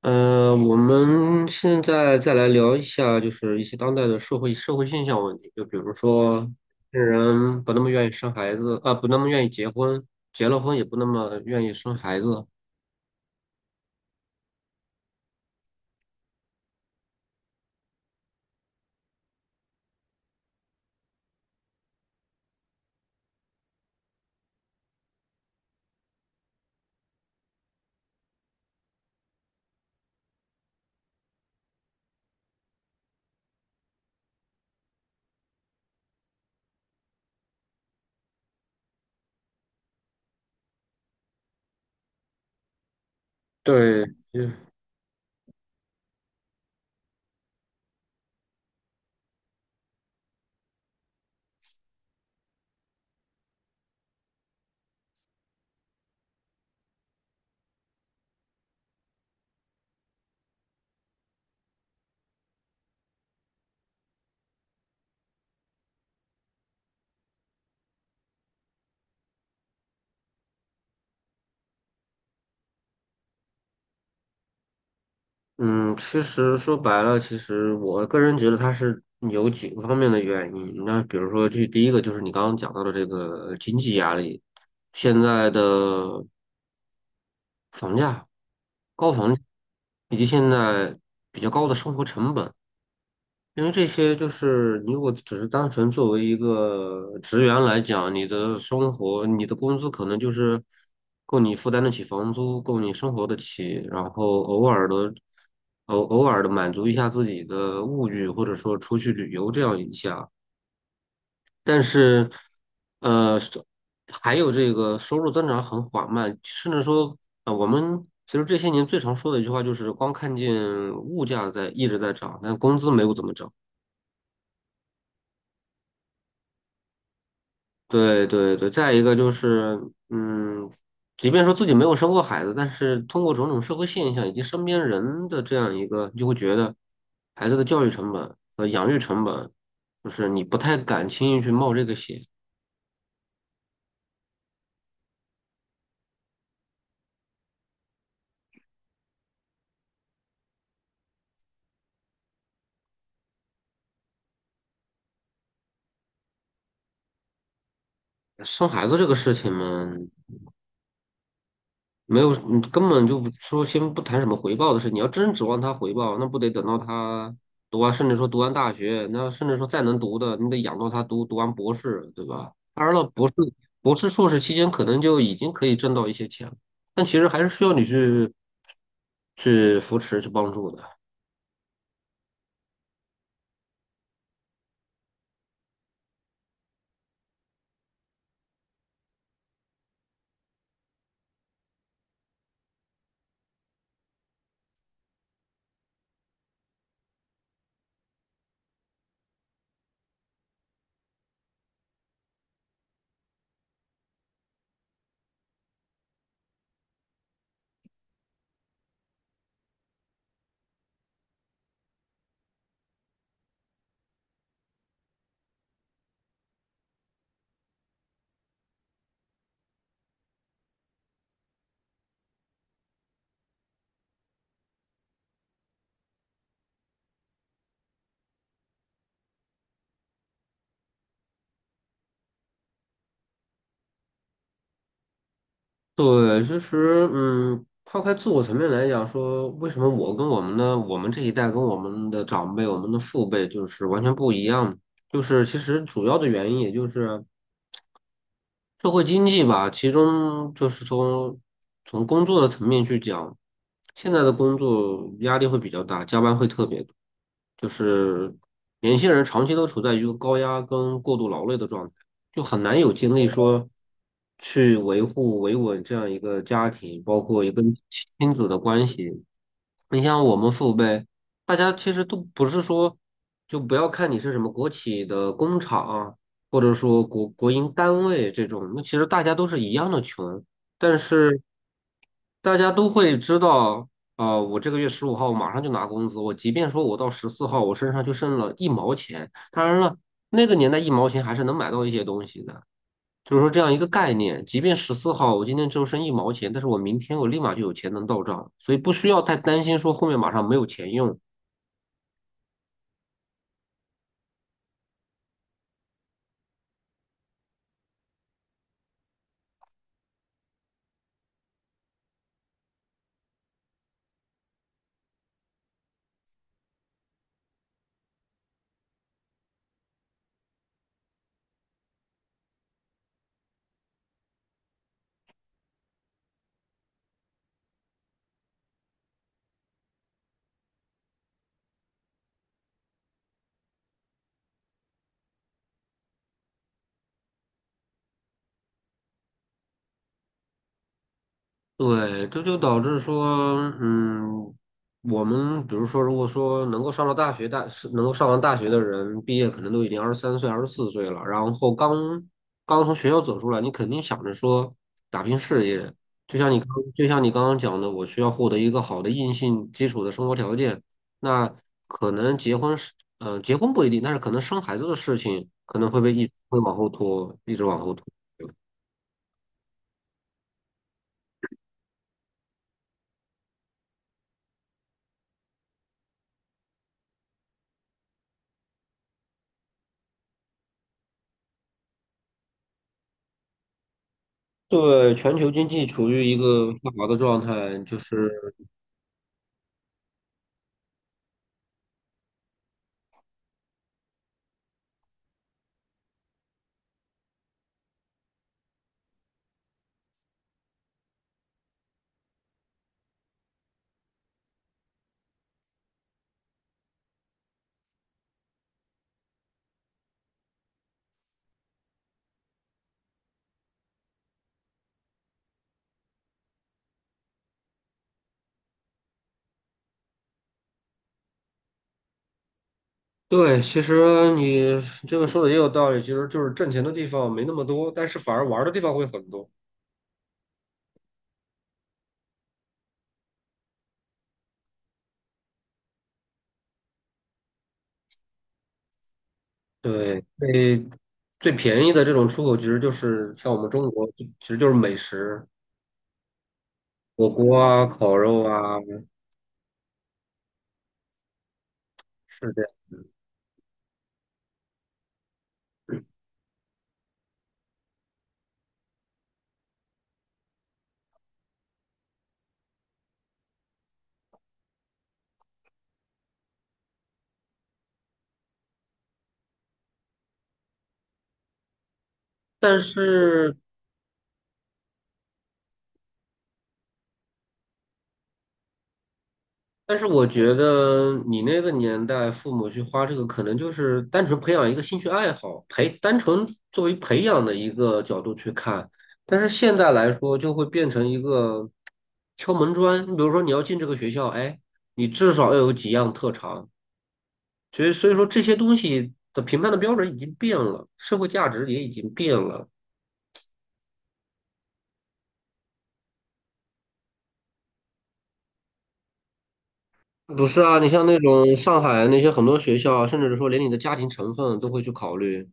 我们现在再来聊一下，就是一些当代的社会现象问题，就比如说，现在人不那么愿意生孩子啊，不那么愿意结婚，结了婚也不那么愿意生孩子。对，就嗯其实说白了，其实我个人觉得它是有几个方面的原因。那比如说，这第一个就是你刚刚讲到的这个经济压力，现在的房价、高房价以及现在比较高的生活成本。因为这些就是你如果只是单纯作为一个职员来讲，你的生活、你的工资可能就是够你负担得起房租，够你生活得起，然后偶尔的、偶尔的满足一下自己的物欲，或者说出去旅游这样一下。但是，呃，收还有这个收入增长很缓慢，甚至说，啊，我们其实这些年最常说的一句话就是，光看见物价在一直在涨，但工资没有怎么涨。对对对，再一个就是，嗯，即便说自己没有生过孩子，但是通过种种社会现象以及身边人的这样一个，你就会觉得孩子的教育成本和养育成本，就是你不太敢轻易去冒这个险。生孩子这个事情嘛，没有，你根本就不说先不谈什么回报的事，你要真指望他回报，那不得等到他读完，甚至说读完大学，那甚至说再能读的，你得养到他读完博士，对吧？当然了，博士、博士、硕士期间可能就已经可以挣到一些钱了，但其实还是需要你去去扶持、去帮助的。对，其实，嗯，抛开自我层面来讲说，为什么我跟我们这一代跟我们的长辈、我们的父辈就是完全不一样？就是其实主要的原因，也就是。社会经济吧，其中就是从从工作的层面去讲，现在的工作压力会比较大，加班会特别多，就是年轻人长期都处在一个高压跟过度劳累的状态，就很难有精力说去维护维稳这样一个家庭，包括一个亲子的关系，你像我们父辈，大家其实都不是说，就不要看你是什么国企的工厂，或者说国营单位这种，那其实大家都是一样的穷，但是大家都会知道，啊、我这个月15号马上就拿工资，我即便说我到十四号我身上就剩了一毛钱，当然了，那个年代一毛钱还是能买到一些东西的。就是说这样一个概念，即便十四号我今天只有剩一毛钱，但是我明天我立马就有钱能到账，所以不需要太担心说后面马上没有钱用。对，这就导致说，嗯，我们比如说，如果说能够上了大学，大是能够上完大学的人，毕业可能都已经23岁、24岁了，然后刚刚从学校走出来，你肯定想着说打拼事业，就像你刚就像你刚刚讲的，我需要获得一个好的硬性基础的生活条件，那可能结婚是，嗯，结婚不一定，但是可能生孩子的事情可能会被一直会往后拖，一直往后拖。对，全球经济处于一个下滑的状态，就是对。其实你这个说的也有道理，其实就是挣钱的地方没那么多，但是反而玩儿的地方会很多。对，最最便宜的这种出口，其实就是像我们中国，就其实就是美食、火锅啊、烤肉啊，是这样。但是但是我觉得你那个年代，父母去花这个，可能就是单纯培养一个兴趣爱好，培单纯作为培养的一个角度去看。但是现在来说，就会变成一个敲门砖。你比如说，你要进这个学校，哎，你至少要有几样特长。所以，所以说这些东西的评判的标准已经变了，社会价值也已经变了。不是啊，你像那种上海那些很多学校，甚至是说连你的家庭成分都会去考虑。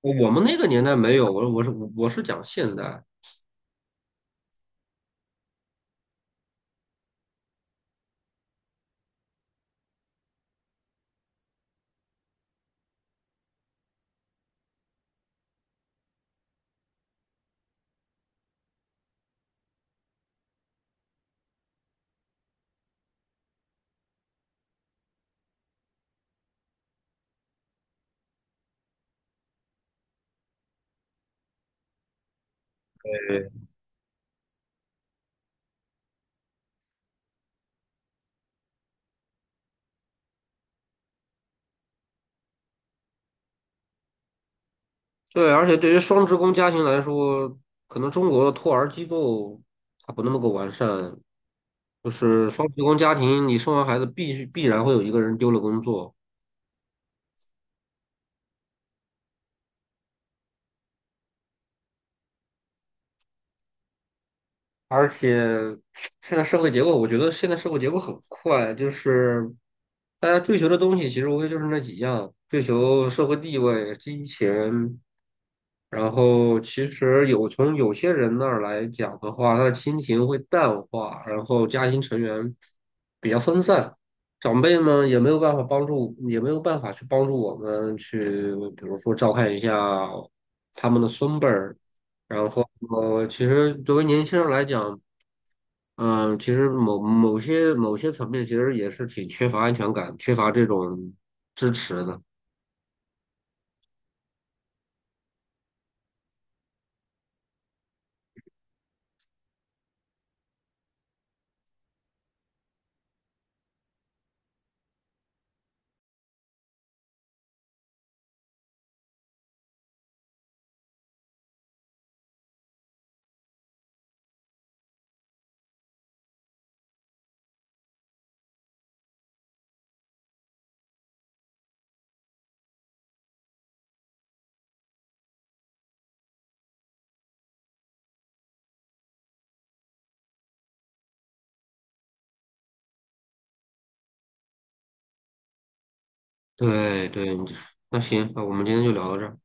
我我们那个年代没有，我是讲现代，对，而且对于双职工家庭来说，可能中国的托儿机构它不那么够完善，就是双职工家庭，你生完孩子必须必然会有一个人丢了工作，而且现在社会结构，我觉得现在社会结构很快，就是大家追求的东西其实无非就是那几样，追求社会地位、金钱。然后其实有从有些人那儿来讲的话，他的亲情会淡化，然后家庭成员比较分散，长辈们也没有办法帮助，也没有办法去帮助我们去，比如说照看一下他们的孙辈儿。然后，其实作为年轻人来讲，嗯，其实某些层面，其实也是挺缺乏安全感，缺乏这种支持的。对对，那行，那我们今天就聊到这儿。